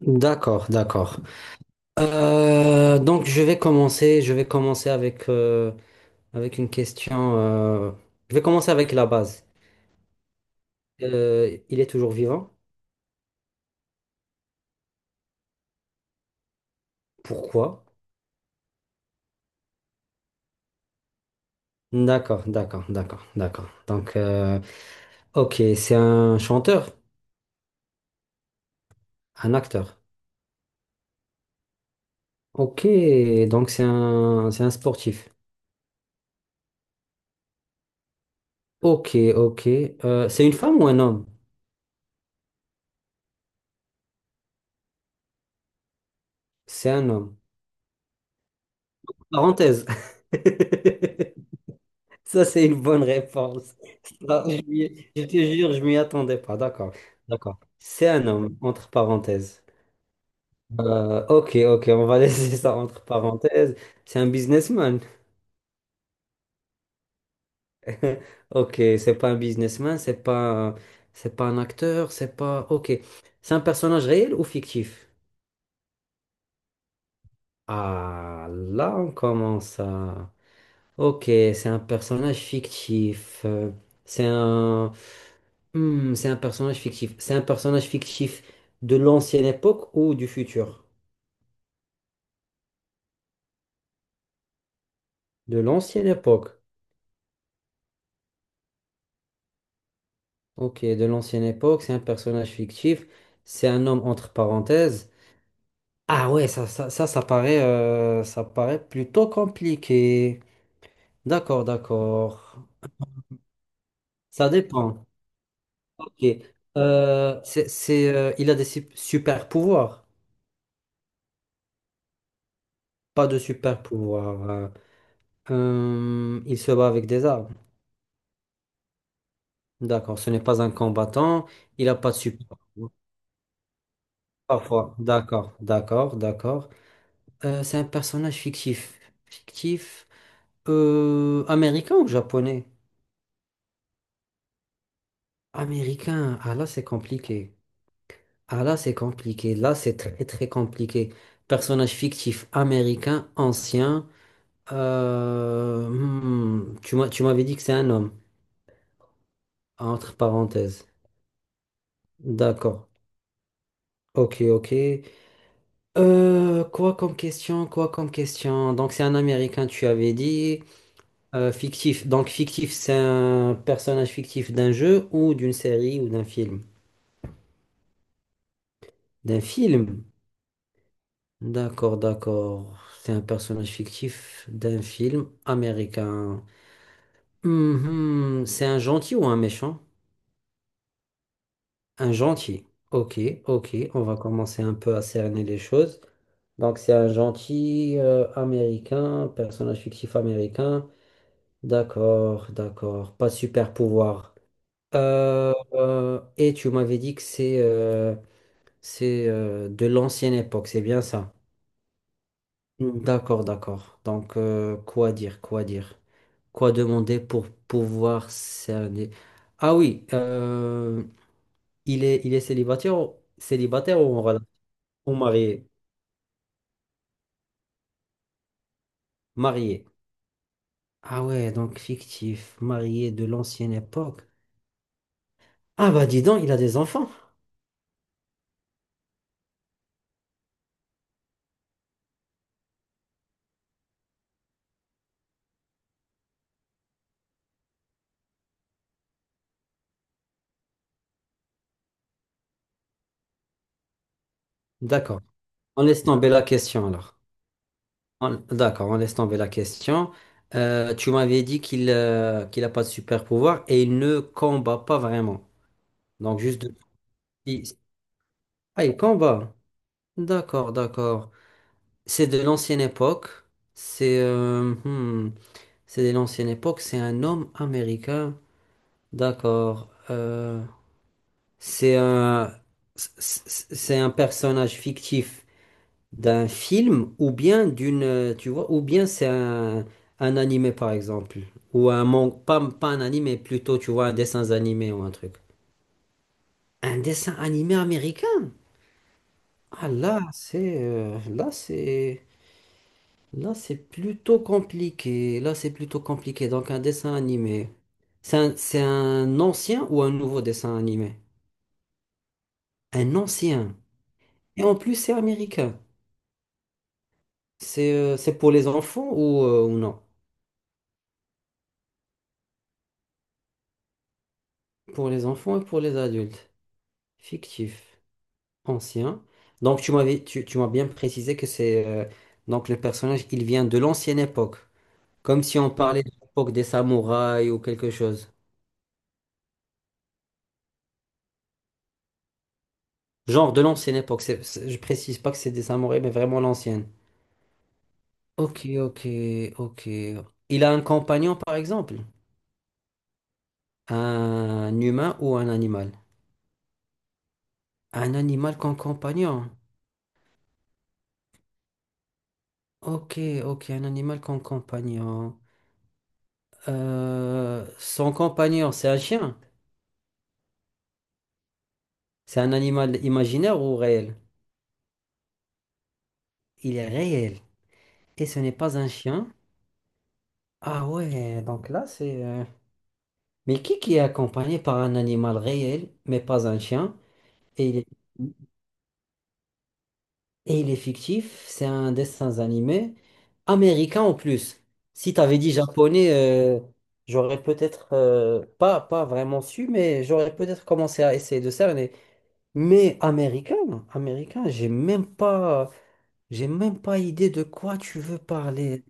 D'accord, d'accord. Donc je vais commencer avec, avec une question. Je vais commencer avec la base. Il est toujours vivant? Pourquoi? D'accord, d'accord, d'accord, d'accord. Donc, ok, c'est un chanteur, un acteur. Ok, donc c'est un sportif. Ok, ok. C'est une femme ou un homme? C'est un homme. Parenthèse. Ça, c'est une bonne réponse. Ça, je te jure, je m'y attendais pas. D'accord. D'accord. C'est un homme, entre parenthèses. Ok, ok, on va laisser ça entre parenthèses. C'est un businessman. Ok, c'est pas un businessman, c'est pas un acteur, c'est pas. Ok. C'est un personnage réel ou fictif? Ah, là, on commence à. Ok, c'est un personnage fictif. C'est un... Hmm, c'est un personnage fictif. C'est un personnage fictif de l'ancienne époque ou du futur? De l'ancienne époque. Ok, de l'ancienne époque, c'est un personnage fictif. C'est un homme entre parenthèses. Ah ouais, ça, ça paraît plutôt compliqué. D'accord, d'accord. Ça dépend. Ok. Il a des super pouvoirs. Pas de super pouvoirs. Il se bat avec des armes. D'accord, ce n'est pas un combattant. Il n'a pas de support. Parfois. D'accord, d'accord, d'accord. C'est un personnage fictif. Fictif. Américain ou japonais? Américain. Ah là, c'est compliqué. Ah là, c'est compliqué. Là, c'est très, très compliqué. Personnage fictif américain, ancien. Tu m'avais dit que c'est un homme, entre parenthèses. D'accord. Ok, ok. Quoi comme question, quoi comme question. Donc c'est un Américain, tu avais dit, fictif. Donc fictif, c'est un personnage fictif d'un jeu ou d'une série ou d'un film? D'un film. D'accord, d'accord. C'est un personnage fictif d'un film américain. Mhm. C'est un gentil ou un méchant? Un gentil. Ok, ok. On va commencer un peu à cerner les choses. Donc c'est un gentil américain, personnage fictif américain. D'accord, d'accord. Pas de super pouvoir. Et tu m'avais dit que c'est de l'ancienne époque, c'est bien ça? Mm. D'accord, d'accord. Donc, quoi dire, quoi dire? Quoi demander pour pouvoir cerner? Ah oui, il est célibataire, célibataire ou en relation? Ou marié? Marié. Ah ouais, donc fictif, marié de l'ancienne époque. Ah bah dis donc, il a des enfants. D'accord. On laisse tomber la question alors. D'accord, on laisse tomber la question. Tu m'avais dit qu'il qu'il n'a pas de super pouvoir et il ne combat pas vraiment. Donc juste de... il- Ah, il combat. D'accord, d'accord. C'est de l'ancienne époque. C'est euh, hmm, c'est de l'ancienne époque. C'est un homme américain. D'accord. C'est un c'est un personnage fictif. D'un film ou bien d'une, tu vois, ou bien c'est un animé par exemple, ou un manga, pas, pas un animé, plutôt tu vois un dessin animé ou un truc. Un dessin animé américain? Ah là, c'est là c'est là c'est plutôt compliqué. Là c'est plutôt compliqué. Donc un dessin animé, c'est un ancien ou un nouveau dessin animé? Un ancien. Et en plus c'est américain. C'est pour les enfants ou non? Pour les enfants et pour les adultes. Fictif, ancien. Donc tu m'avais, tu m'as bien précisé que c'est donc le personnage, il vient de l'ancienne époque, comme si on parlait de l'époque des samouraïs ou quelque chose. Genre de l'ancienne époque. Je précise pas que c'est des samouraïs, mais vraiment l'ancienne. Ok, ok, ok. Il a un compagnon par exemple, un humain ou un animal. Un animal comme compagnon. Ok, ok, un animal comme compagnon. Son compagnon, c'est un chien. C'est un animal imaginaire ou réel? Il est réel. Et ce n'est pas un chien? Ah ouais, donc là c'est... Mais qui est accompagné par un animal réel, mais pas un chien? Et il est, et il est fictif, c'est un dessin animé américain en plus. Si t'avais dit japonais, j'aurais peut-être pas, pas vraiment su, mais j'aurais peut-être commencé à essayer de cerner. Mais américain, américain, j'ai même pas... J'ai même pas idée de quoi tu veux parler.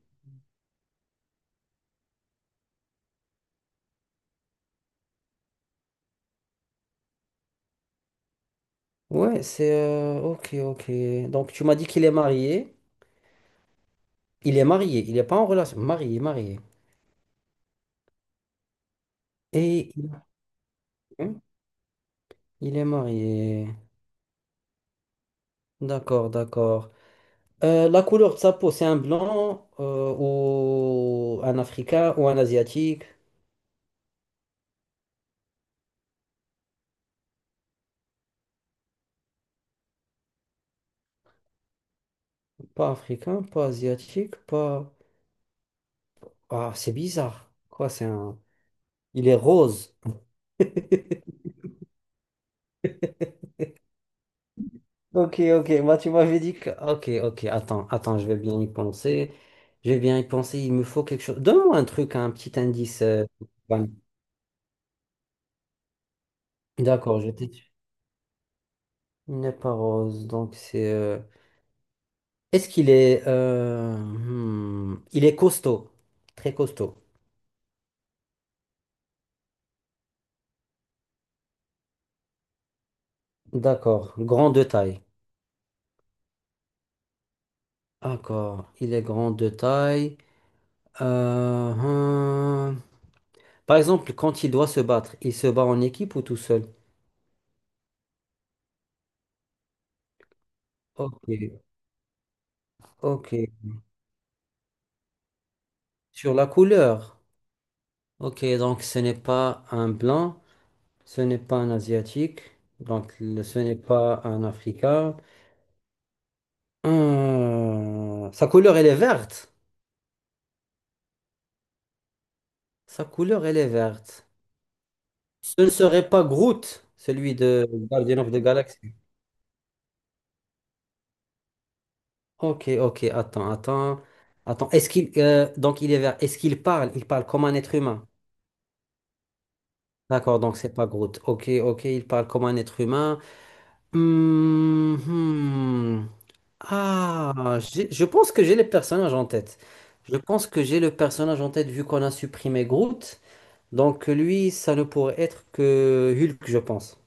Ouais, c'est... ok, ok. Donc, tu m'as dit qu'il est marié. Il est marié, il n'est pas en relation. Marié, marié. Et il hein, il est marié. D'accord, d'accord. La couleur de sa peau, c'est un blanc ou un africain ou un asiatique? Pas africain, pas asiatique, pas... Ah, c'est bizarre. Quoi, c'est un... Il est rose. Ok, ok, bah tu m'avais dit que... Ok, ok, attends, attends, je vais bien y penser. Je vais bien y penser, il me faut quelque chose. Donne-moi un truc, un petit indice. Van. D'accord, je t'ai dit. Il n'est pas rose, donc c'est... Est-ce qu'il est... Il est costaud, très costaud. D'accord, grand de taille. D'accord, il est grand de taille. Euh, hmm. Par exemple, quand il doit se battre, il se bat en équipe ou tout seul? Ok, ok. Sur la couleur. Ok, donc ce n'est pas un blanc, ce n'est pas un asiatique, ce n'est pas un africain. Sa couleur, elle est verte. Sa couleur, elle est verte. Ce ne serait pas Groot, celui de Guardian of the Galaxy. Ok, ok, attends, attends. Attends, est-ce qu'il... donc il est vert. Est-ce qu'il parle? Il parle comme un être humain. D'accord, donc c'est pas Groot. Ok, ok, il parle comme un être humain. Hmm, hmm. Ah, je pense que j'ai les personnages en tête. Je pense que j'ai le personnage en tête vu qu'on a supprimé Groot. Donc lui, ça ne pourrait être que Hulk, je pense.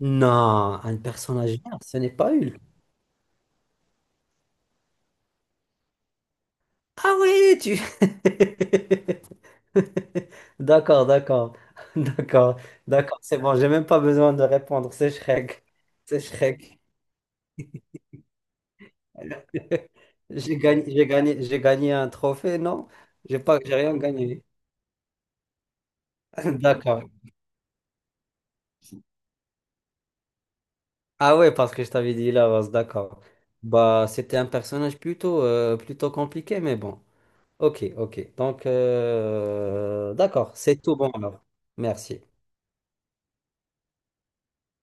Non, un personnage, vert, ce n'est pas Hulk. Ah oui, tu... D'accord, d'accord, d'accord, d'accord, c'est bon, j'ai même pas besoin de répondre, c'est Shrek, c'est Shrek. J'ai gagné, j'ai gagné, j'ai gagné un trophée, non? J'ai pas, j'ai rien gagné. D'accord, ah ouais, parce que je t'avais dit la base, d'accord. Bah, c'était un personnage plutôt, plutôt compliqué, mais bon. Ok, ok. Donc, d'accord, c'est tout bon alors. Merci.